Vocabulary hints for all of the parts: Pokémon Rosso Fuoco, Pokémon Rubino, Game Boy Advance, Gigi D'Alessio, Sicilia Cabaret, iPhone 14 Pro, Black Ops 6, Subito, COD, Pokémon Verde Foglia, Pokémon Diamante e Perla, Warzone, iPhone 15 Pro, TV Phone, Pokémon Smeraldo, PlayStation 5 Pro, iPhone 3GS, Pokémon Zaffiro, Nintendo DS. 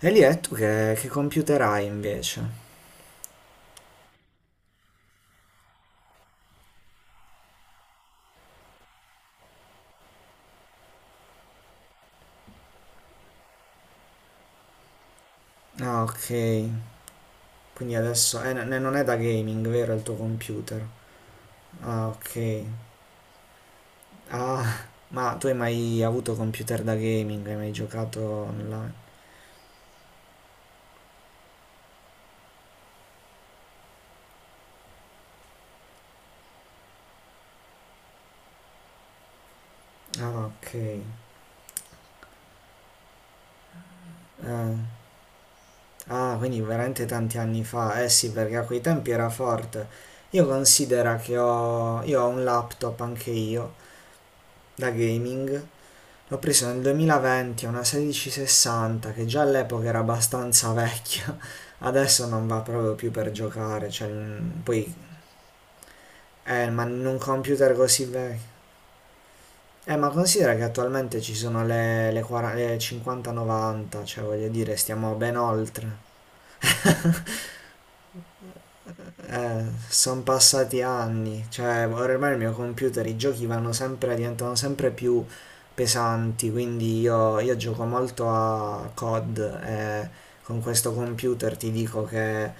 E lì è tu che computer hai invece? Ah, ok. Quindi adesso non è da gaming, vero, il tuo computer? Ah, ok. Ah, ma tu hai mai avuto computer da gaming? Hai mai giocato online? Ah, ok. Quindi veramente tanti anni fa. Eh sì, perché a quei tempi era forte. Io considero che ho, io ho un laptop anche io, da gaming. L'ho presa nel 2020, una 1660 che già all'epoca era abbastanza vecchia. Adesso non va proprio più per giocare, cioè poi ma in un computer così vecchio. Ma considera che attualmente ci sono le 40, le 50-90, cioè voglio dire, stiamo ben oltre. Sono passati anni, cioè ormai il mio computer, i giochi vanno sempre, diventano sempre più pesanti, quindi io gioco molto a COD e con questo computer ti dico che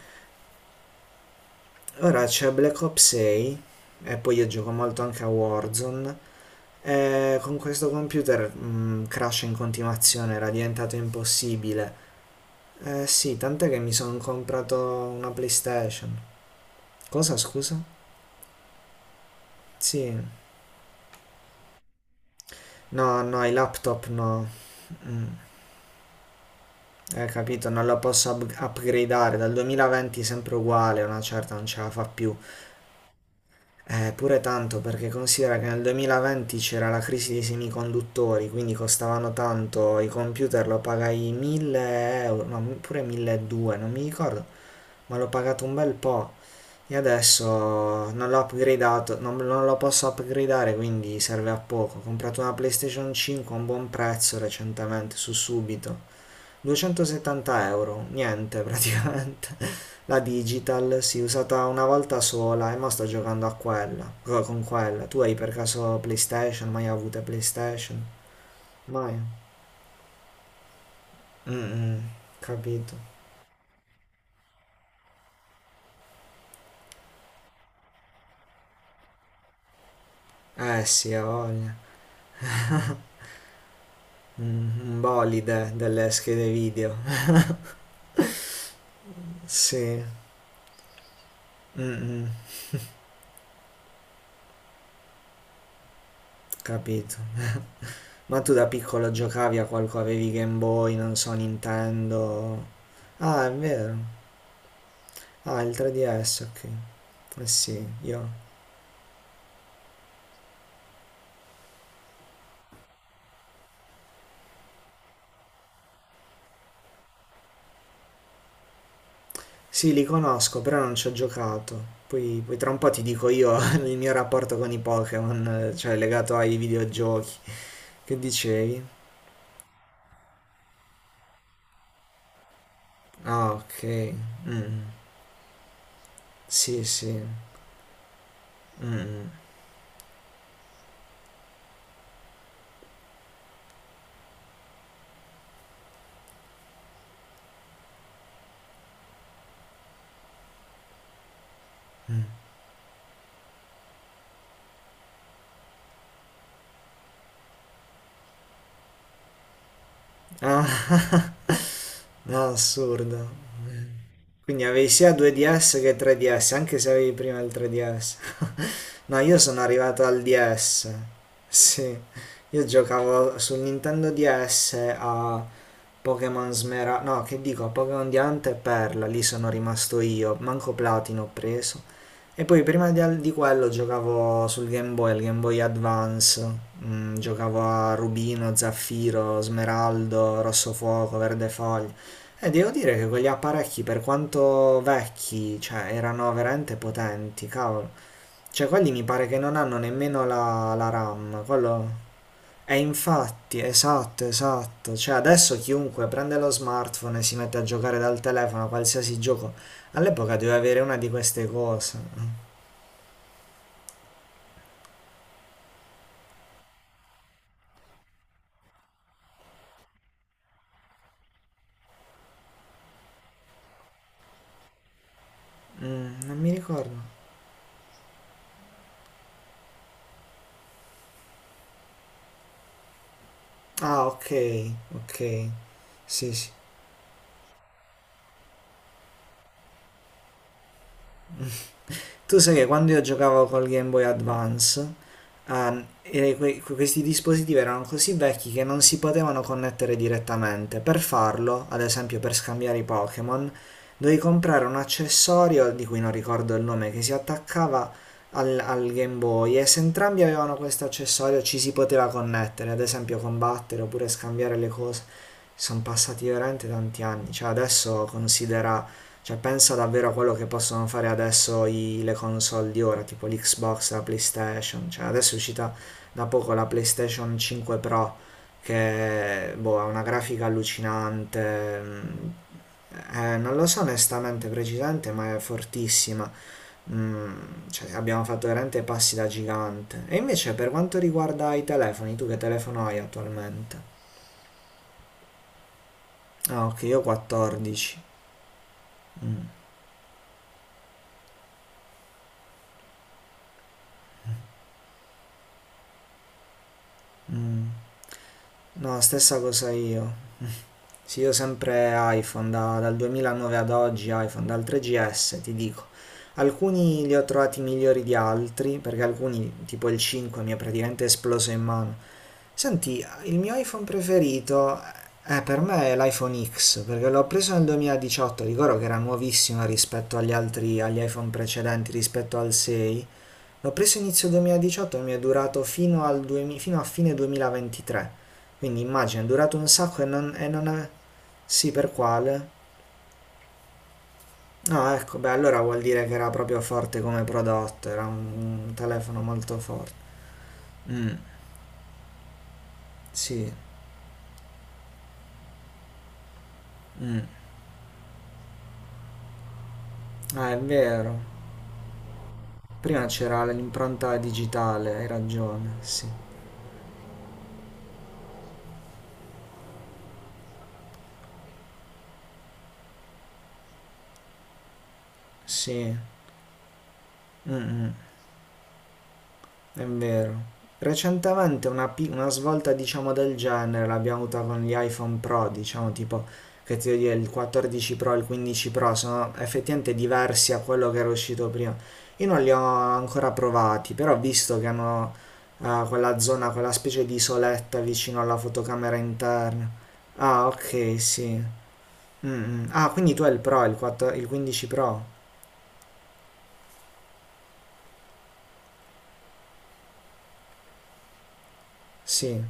ora c'è Black Ops 6 e poi io gioco molto anche a Warzone e con questo computer crash in continuazione, era diventato impossibile. Eh sì, tant'è che mi sono comprato una PlayStation. Cosa scusa? Sì. No, no, i laptop no. Mm, Hai capito? Non lo posso upgradeare. Dal 2020 sempre uguale, una certa non ce la fa più. Pure tanto perché considera che nel 2020 c'era la crisi dei semiconduttori, quindi costavano tanto, i computer lo pagai 1000 euro, no, pure 1200, non mi ricordo, ma l'ho pagato un bel po'. E adesso non l'ho upgradato, non lo posso upgradare, quindi serve a poco. Ho comprato una PlayStation 5 a un buon prezzo recentemente, su Subito. 270 euro, niente praticamente. La digital si è usata una volta sola e mo sto giocando a quella, con quella. Tu hai per caso PlayStation? Mai avute PlayStation? Mai? Mm-mm, capito. Eh sì, ha voglia. Un bolide delle schede video. Sì, mm-mm, capito. Ma tu da piccolo giocavi a qualcosa, avevi Game Boy, non so, Nintendo. Ah, è vero. Ah, il 3DS, ok. Eh sì, io... Sì, li conosco, però non ci ho giocato. Poi tra un po' ti dico io il mio rapporto con i Pokémon, cioè legato ai videogiochi. Che dicevi? Ah, ok. Mm. Sì, sì. Mm. Ah, no, assurdo. Quindi avevi sia 2DS che 3DS, anche se avevi prima il 3DS. No, io sono arrivato al DS. Sì, io giocavo sul Nintendo DS a Pokémon no, che dico, Pokémon Diamante e Perla, lì sono rimasto io, manco Platino ho preso. E poi prima di quello giocavo sul Game Boy, al Game Boy Advance, giocavo a Rubino, Zaffiro, Smeraldo, Rosso Fuoco, Verde Foglia. E devo dire che quegli apparecchi, per quanto vecchi, cioè, erano veramente potenti, cavolo. Cioè, quelli mi pare che non hanno nemmeno la RAM, quello e infatti, esatto, esatto. Cioè, adesso chiunque prende lo smartphone e si mette a giocare dal telefono a qualsiasi gioco. All'epoca doveva avere una di queste cose. Non mi ricordo. Ah, ok, ok. Sì, sì. Tu sai che quando io giocavo col Game Boy Advance, e questi dispositivi erano così vecchi che non si potevano connettere direttamente. Per farlo, ad esempio per scambiare i Pokémon, dovevi comprare un accessorio di cui non ricordo il nome, che si attaccava al Game Boy e se entrambi avevano questo accessorio ci si poteva connettere, ad esempio combattere oppure scambiare le cose. Sono passati veramente tanti anni, cioè adesso considera, cioè pensa davvero a quello che possono fare adesso le console di ora, tipo l'Xbox, la PlayStation, cioè adesso è uscita da poco la PlayStation 5 Pro che boh, ha una grafica allucinante, non lo so onestamente precisamente, ma è fortissima. Mm, cioè, abbiamo fatto veramente passi da gigante. E invece per quanto riguarda i telefoni, tu che telefono hai attualmente? Ah, ok, io ho 14. Mm. No, stessa cosa io. Sì, io sempre iPhone, dal 2009 ad oggi iPhone, dal 3GS ti dico. Alcuni li ho trovati migliori di altri, perché alcuni, tipo il 5, mi è praticamente esploso in mano. Senti, il mio iPhone preferito è per me è l'iPhone X, perché l'ho preso nel 2018, ricordo che era nuovissimo rispetto agli altri, agli iPhone precedenti, rispetto al 6. L'ho preso inizio 2018 e mi è durato fino, al 2000 fino a fine 2023. Quindi immagina, è durato un sacco e non. Sì, per quale? No, ecco, beh, allora vuol dire che era proprio forte come prodotto, era un telefono molto forte. Mm, sì. Mm. Ah, è vero. Prima c'era l'impronta digitale, hai ragione, sì. Sì. Mm, mm. È vero. Recentemente una svolta, diciamo, del genere l'abbiamo avuta con gli iPhone Pro, diciamo, tipo, che ti devo dire, il 14 Pro e il 15 Pro sono effettivamente diversi a quello che era uscito prima. Io non li ho ancora provati, però ho visto che hanno quella zona, quella specie di isoletta vicino alla fotocamera interna. Ah, ok, sì. Mm, mm. Ah, quindi tu hai il Pro, il 15 Pro? Sì.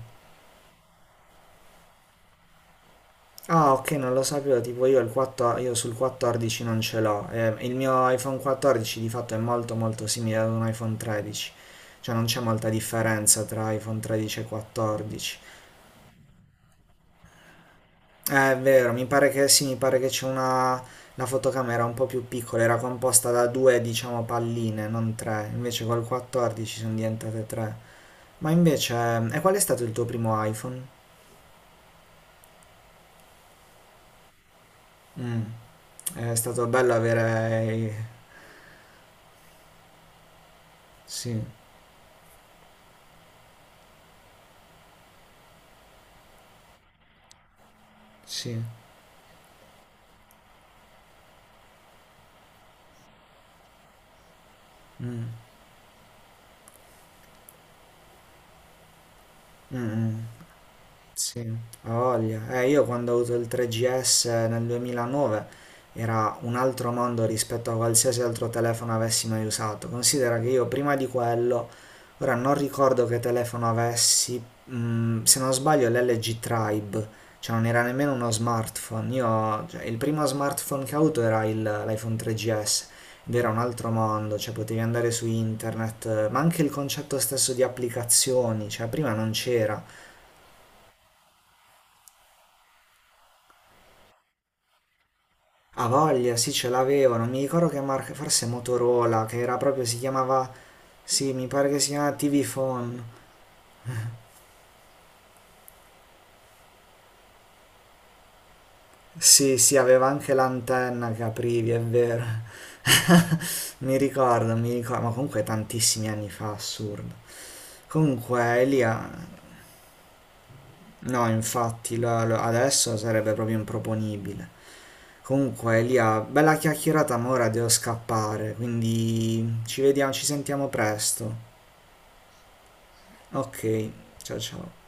Ah, ok, non lo sapevo, tipo io, il 4 io sul 14 non ce l'ho. Il mio iPhone 14 di fatto è molto molto simile ad un iPhone 13, cioè non c'è molta differenza tra iPhone 13 e 14. È vero, mi pare che sì, mi pare che c'è una... la fotocamera un po' più piccola, era composta da due, diciamo, palline, non tre, invece col 14 sono diventate tre. Ma invece, e qual è stato il tuo primo iPhone? Mm, È stato bello avere... eh, Sì, sì. Mm. Mm, mm, sì, ha voglia. Io quando ho avuto il 3GS nel 2009 era un altro mondo rispetto a qualsiasi altro telefono avessi mai usato. Considera che io prima di quello, ora non ricordo che telefono avessi, se non sbaglio l'LG Tribe, cioè non era nemmeno uno smartphone. Io, cioè, il primo smartphone che ho avuto era l'iPhone 3GS. Ed era un altro mondo, cioè potevi andare su internet, ma anche il concetto stesso di applicazioni, cioè prima non c'era. Ha voglia, sì, ce l'avevo, non mi ricordo che marca, forse Motorola, che era proprio, si chiamava, sì, mi pare che si chiamava TV Phone. Sì, sì, aveva anche l'antenna che aprivi, è vero. Mi ricordo, ma comunque tantissimi anni fa, assurdo. Comunque, Elia, no, infatti, adesso sarebbe proprio improponibile. Comunque, Elia, bella chiacchierata, ma ora devo scappare, quindi ci vediamo, ci sentiamo presto. Ok, ciao ciao.